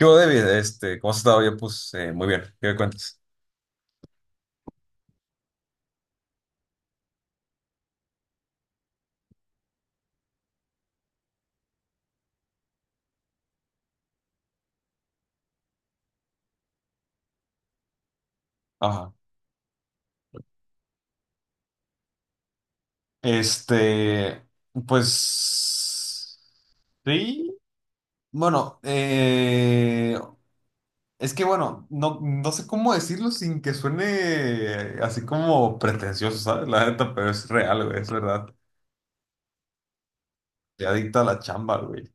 Yo, David, ¿cómo has estado? Yo, pues, muy bien. ¿Qué me cuentas? Ajá. Este, pues, sí. Bueno, es que bueno, no sé cómo decirlo sin que suene así como pretencioso, ¿sabes? La neta, pero es real, güey, es verdad. Te adicta a la chamba, güey.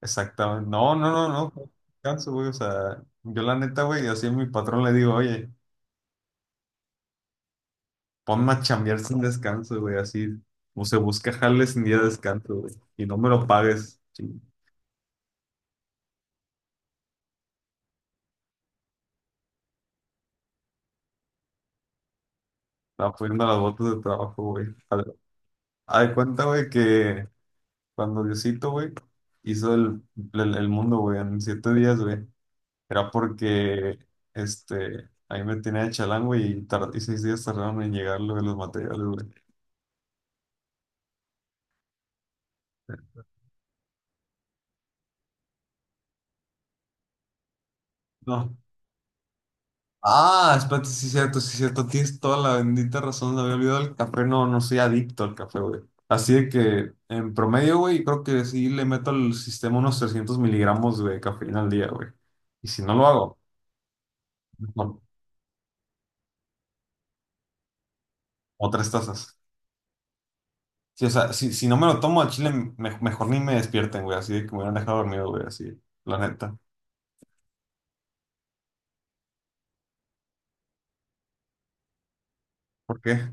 Exactamente. No, no, no, no, no descanso, güey. O sea, yo la neta, güey, así a mi patrón le digo, oye, ponme a chambear sin descanso, güey. Así, o se busca jales sin día de descanso, güey. Y no me lo pagues. Sí. Estaba poniendo las botas de trabajo, güey. Haz de cuenta, güey, que cuando Diosito, güey, hizo el mundo, güey, en 7 días, güey. Era porque ahí me tenía de chalango y 6 días tardaron en llegar lo de los materiales, güey. No. Ah, espérate, sí, cierto, sí, cierto. Tienes toda la bendita razón. Me había olvidado el café. No, no soy adicto al café, güey. Así de que en promedio, güey, creo que sí le meto al sistema unos 300 miligramos de cafeína al día, güey. Y si no lo hago, mejor, o 3 tazas. Sí, o sea, si no me lo tomo al chile, mejor ni me despierten, güey. Así de que me hubieran dejado dormido, güey, así, la neta. ¿Por qué?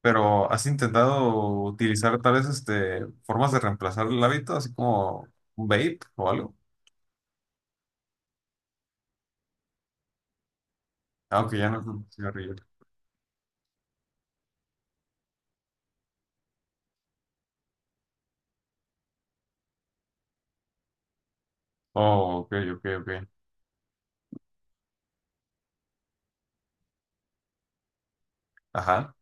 Pero ¿has intentado utilizar tal vez formas de reemplazar el hábito, así como un vape o algo? Aunque ya no es un cigarrillo. Oh, ok, ok, ok. Ajá.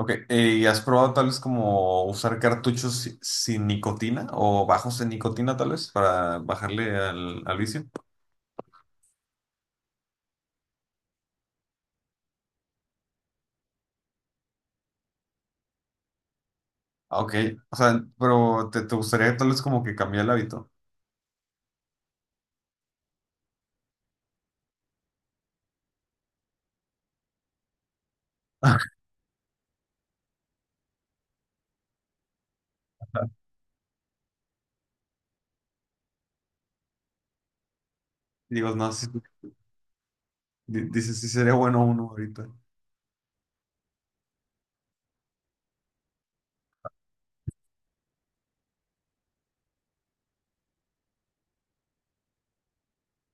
Ok, ¿y has probado tal vez como usar cartuchos sin nicotina o bajos en nicotina tal vez para bajarle al vicio? Ah, ok, o sea, pero te gustaría tal vez como que cambiar el hábito. Digo, no, sí, dices, sí sería bueno uno ahorita.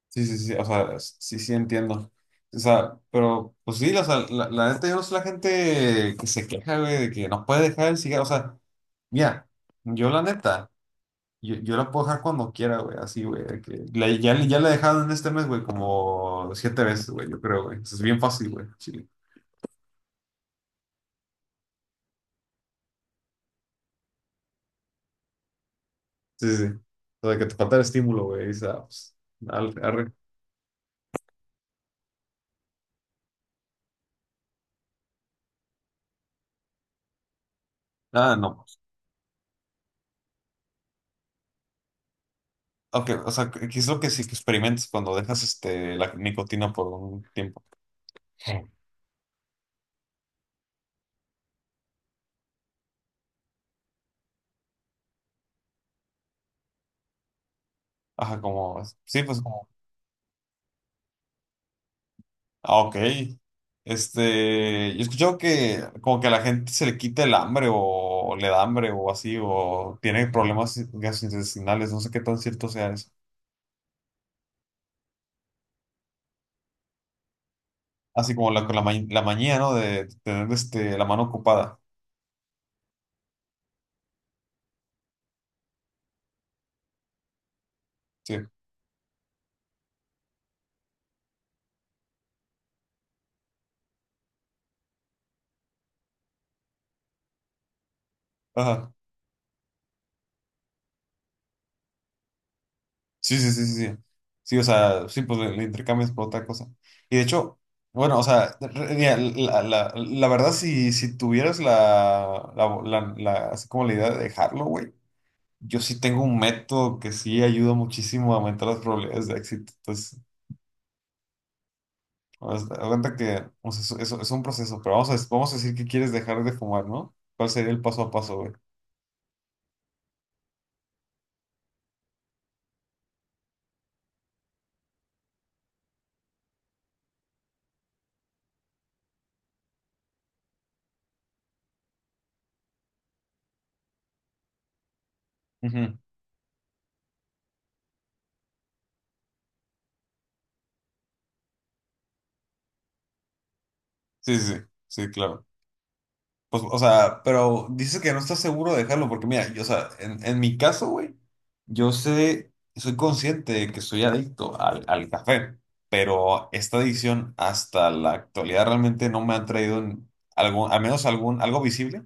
Sí, sí, sí, o sea, sí, sí entiendo. O sea, pero pues sí, o sea, la neta yo no sé la gente que se queja, güey, de que no puede dejar el cigarro. O sea, mira, yo la neta, yo la puedo dejar cuando quiera, güey, así, güey. De que ya la he dejado en este mes, güey, como 7 veces, güey, yo creo, güey. Es bien fácil, güey, chile. Sí, sí, sí. O sea, que te falta el estímulo, güey, y, o sea, pues, arre. Ah, no. Ok, o sea, ¿qué es lo que sí que experimentes cuando dejas la nicotina por un tiempo? Ajá, como, sí, pues como, ah, ok. Yo he escuchado que como que a la gente se le quita el hambre o le da hambre o así, o tiene problemas gastrointestinales, no sé qué tan cierto sea eso. Así como con la, la manía, ¿no? De tener la mano ocupada. Sí, ajá. Sí, sí, sí, sí, sí. Sí, o sea, sí, pues le intercambias por otra cosa. Y de hecho, bueno, o sea, mira, la verdad, si tuvieras así como la idea de dejarlo, güey. Yo sí tengo un método que sí ayuda muchísimo a aumentar las probabilidades de éxito. Entonces, haz cuenta que o sea, eso es un proceso, pero vamos a decir que quieres dejar de fumar, ¿no? ¿Cuál sería el paso a paso, güey? Ujú. Sí, sí, sí, claro. Pues, o sea, pero dices que no estás seguro de dejarlo, porque mira, yo, o sea, en mi caso, güey, yo sé, soy consciente de que soy adicto al café, pero esta adicción hasta la actualidad realmente no me ha traído en algún, al menos algún, algo visible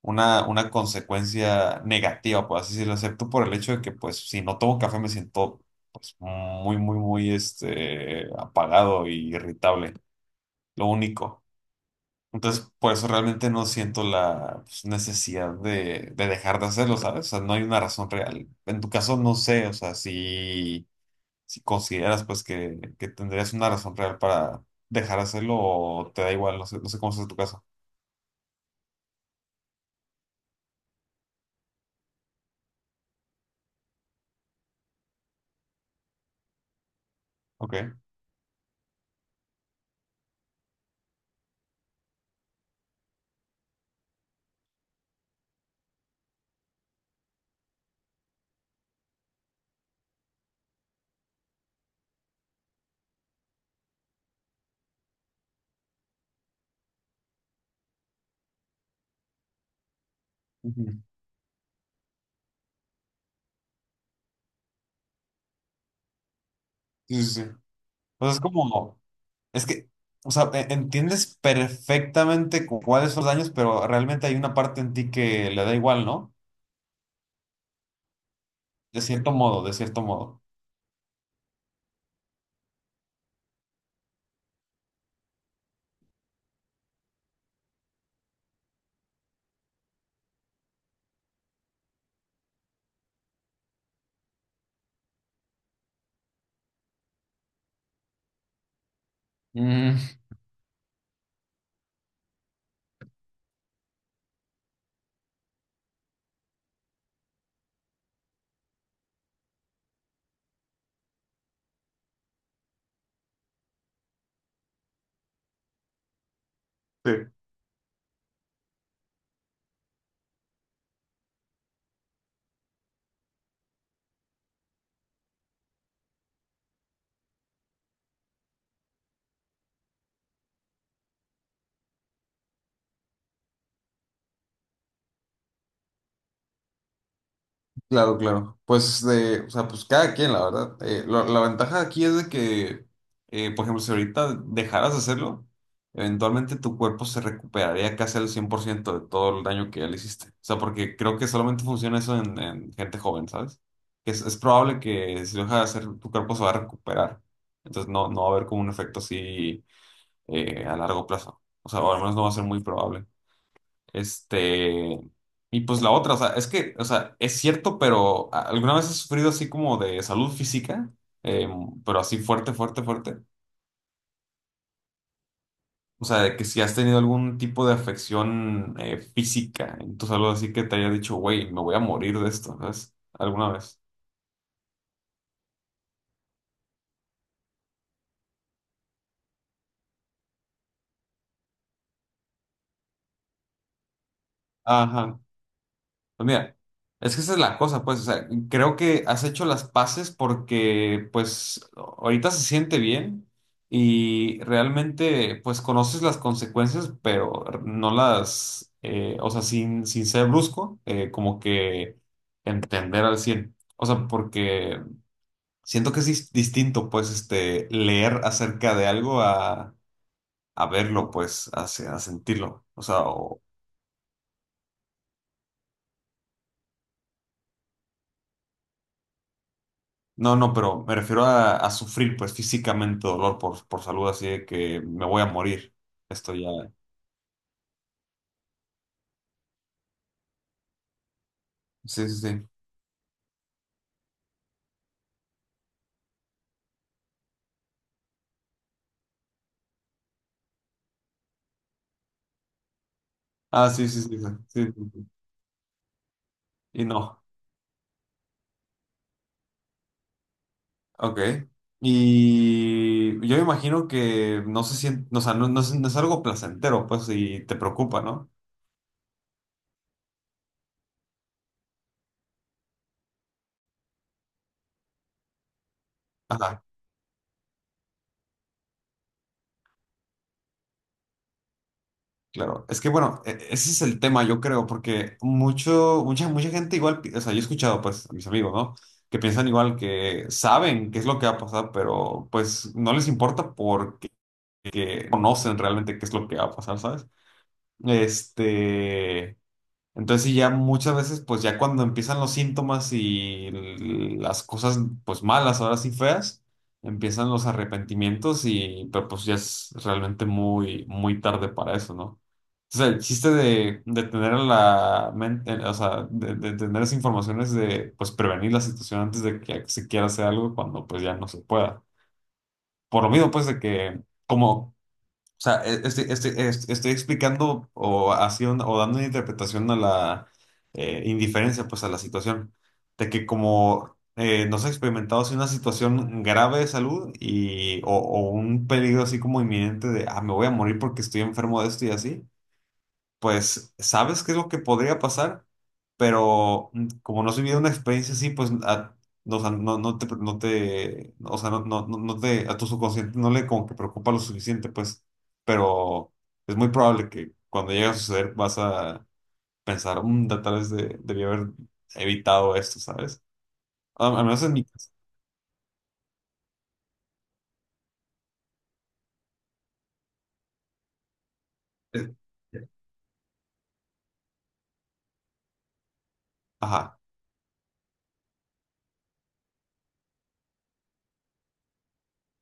una consecuencia negativa, por así decirlo, excepto por el hecho de que, pues, si no tomo café me siento, pues, muy, muy, muy, apagado e irritable, lo único. Entonces, por eso realmente no siento la pues, necesidad de dejar de hacerlo, ¿sabes? O sea, no hay una razón real. En tu caso, no sé, o sea, si consideras, pues, que tendrías una razón real para dejar de hacerlo o te da igual, no sé, no sé cómo es tu caso. Ok. Ujú. Sí, sí, sí. Pues es como, es que, o sea, entiendes perfectamente cuáles son los daños, pero realmente hay una parte en ti que le da igual, ¿no? De cierto modo, de cierto modo. Mm, sí. Claro, claro. Pues, de, o sea, pues cada quien, la verdad. La ventaja aquí es de que, por ejemplo, si ahorita dejaras de hacerlo, eventualmente tu cuerpo se recuperaría casi al 100% de todo el daño que ya le hiciste. O sea, porque creo que solamente funciona eso en gente joven, ¿sabes? Es probable que si lo dejas de hacer, tu cuerpo se va a recuperar. Entonces no va a haber como un efecto así a largo plazo. O sea, o al menos no va a ser muy probable. Este, y pues la otra, o sea, es que, o sea, es cierto, pero ¿alguna vez has sufrido así como de salud física? Eh, pero así fuerte, fuerte, fuerte. O sea, de que si has tenido algún tipo de afección física en tu salud, así que te haya dicho, güey, me voy a morir de esto, ¿sabes? ¿Alguna vez? Ajá. Pues mira, es que esa es la cosa, pues, o sea, creo que has hecho las paces porque, pues, ahorita se siente bien y realmente, pues, conoces las consecuencias, pero no las, o sea, sin ser brusco, como que entender al cien. O sea, porque siento que es distinto, pues, leer acerca de algo a verlo, pues, a sentirlo. O sea, no, no, pero me refiero a sufrir pues físicamente dolor por salud, así de que me voy a morir. Esto ya. Sí, sí, sí. Ah, sí, sí, sí, sí, sí, sí, sí. Y no. Ok. Y yo me imagino que no se siente, o sea, no es algo placentero, pues, y te preocupa, ¿no? Ajá, claro. Es que bueno, ese es el tema, yo creo, porque mucha gente igual, o sea, yo he escuchado pues a mis amigos, ¿no? Que piensan igual, que saben qué es lo que va a pasar, pero pues no les importa porque que conocen realmente qué es lo que va a pasar, ¿sabes? Este, entonces sí, ya muchas veces, pues ya cuando empiezan los síntomas y las cosas, pues malas, ahora sí feas, empiezan los arrepentimientos y, pero pues ya es realmente muy, muy tarde para eso, ¿no? O sea, el chiste de tener en la mente, o sea, de tener esa información es de, pues, prevenir la situación antes de que se quiera hacer algo cuando, pues, ya no se pueda. Por lo mismo, pues, de que como o sea, estoy explicando o, haciendo, o dando una interpretación a la indiferencia, pues a la situación, de que como no se ha experimentado así una situación grave de salud y, o un peligro así como inminente de, ah, me voy a morir porque estoy enfermo de esto y así, pues sabes qué es lo que podría pasar, pero como no has vivido una experiencia así, pues no, o sea, no te, o sea, no te, a tu subconsciente no le como que preocupa lo suficiente, pues, pero es muy probable que cuando llegue a suceder vas a pensar, "Tal vez debí haber evitado esto, ¿sabes?" Al menos en mi caso. Eh, Ajá,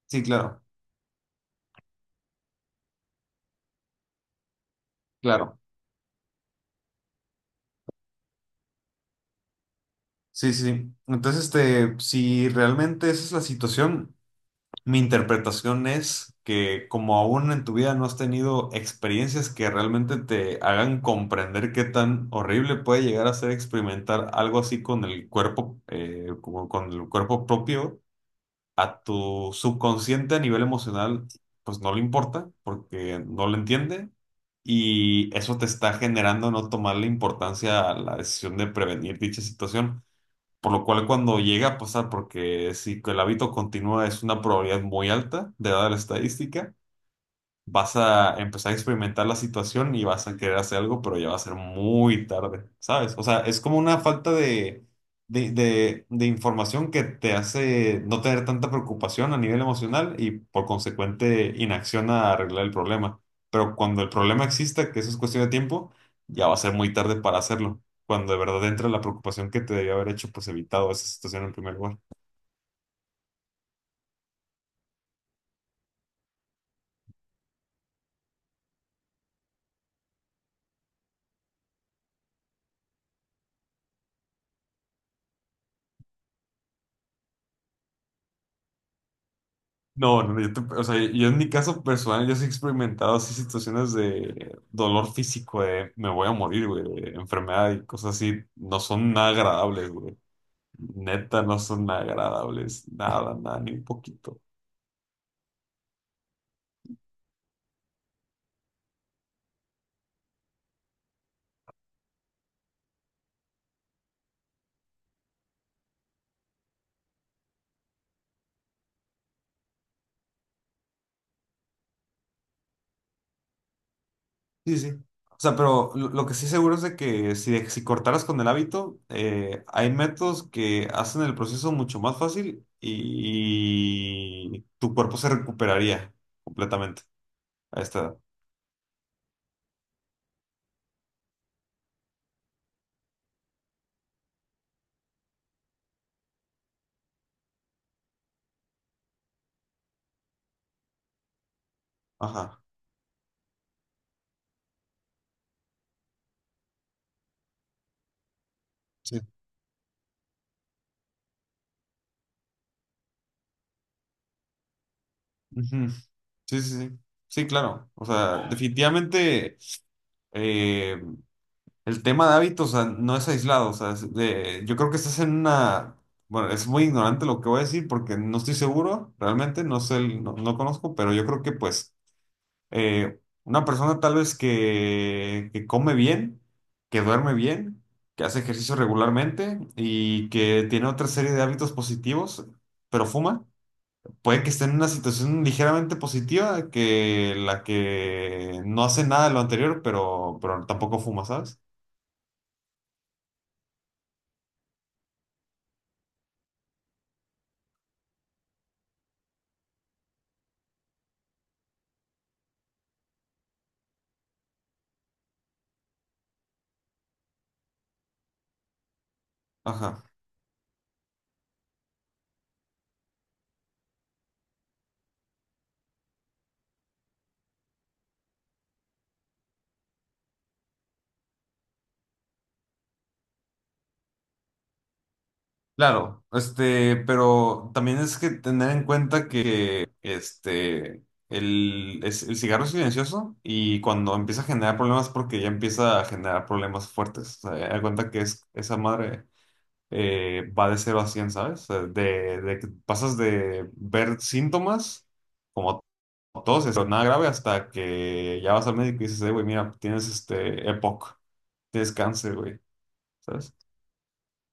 sí, claro, claro. Sí, sí. Entonces, si realmente esa es la situación, mi interpretación es que como aún en tu vida no has tenido experiencias que realmente te hagan comprender qué tan horrible puede llegar a ser experimentar algo así con el cuerpo, como con el cuerpo propio, a tu subconsciente a nivel emocional, pues no le importa porque no lo entiende y eso te está generando no tomarle importancia a la decisión de prevenir dicha situación por lo cual cuando llega a pasar, porque si el hábito continúa es una probabilidad muy alta de dada la estadística, vas a empezar a experimentar la situación y vas a querer hacer algo, pero ya va a ser muy tarde, ¿sabes? O sea, es como una falta de, de información que te hace no tener tanta preocupación a nivel emocional y por consecuente inacción a arreglar el problema. Pero cuando el problema exista, que eso es cuestión de tiempo, ya va a ser muy tarde para hacerlo. Cuando de verdad entra la preocupación que te debió haber hecho, pues evitado esa situación en primer lugar. No, no, yo, o sea, yo en mi caso personal, yo sí he experimentado así situaciones de dolor físico, de me voy a morir, güey, de enfermedad y cosas así, no son nada agradables, güey. Neta, no son nada agradables, nada, nada, ni un poquito. Sí, sí. O sea, pero lo que sí seguro es de que si, si cortaras con el hábito, hay métodos que hacen el proceso mucho más fácil y, tu cuerpo se recuperaría completamente a esta edad. Ajá. Sí. Ujú. Sí, sí, sí. Sí, claro. O sea, definitivamente eh, el tema de hábitos, o sea, no es aislado. O sea, es yo creo que estás en una... Bueno, es muy ignorante lo que voy a decir porque no estoy seguro, realmente, no sé, no, no conozco, pero yo creo que pues una persona tal vez que come bien, que duerme bien, que hace ejercicio regularmente y que tiene otra serie de hábitos positivos, pero fuma puede que esté en una situación ligeramente positiva que la que no hace nada de lo anterior, pero, tampoco fuma, ¿sabes? Ajá. Claro, pero también es que tener en cuenta que el cigarro es silencioso y cuando empieza a generar problemas porque ya empieza a generar problemas fuertes. O sea, da cuenta que esa madre va de 0 a 100, ¿sabes? O sea, de que pasas de ver síntomas como todos, eso, nada grave, hasta que ya vas al médico y dices, güey, mira, tienes este EPOC, tienes cáncer, güey, ¿sabes?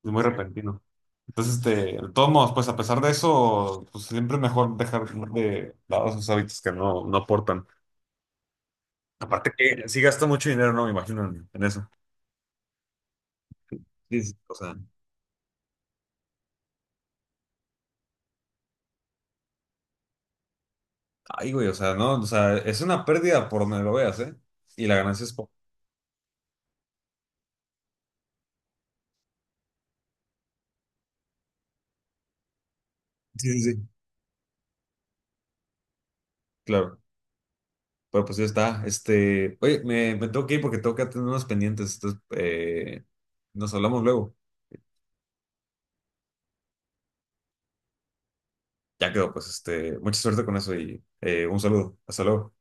Es muy, sí, repentino. Entonces, de todos modos, pues a pesar de eso, pues siempre es mejor dejar de lado esos hábitos que no aportan. Aparte que sí gasta mucho dinero, ¿no? Me imagino en eso. Sí, sí, o sea, ay, güey, o sea, no, o sea, es una pérdida por donde lo veas, ¿eh? Y la ganancia es poca. Sí, sí, sí. Claro. Pero pues ya está. Oye, me tengo que ir porque tengo que atender unos pendientes. Entonces, nos hablamos luego. Ya quedó, pues, mucha suerte con eso y un saludo. Hasta luego.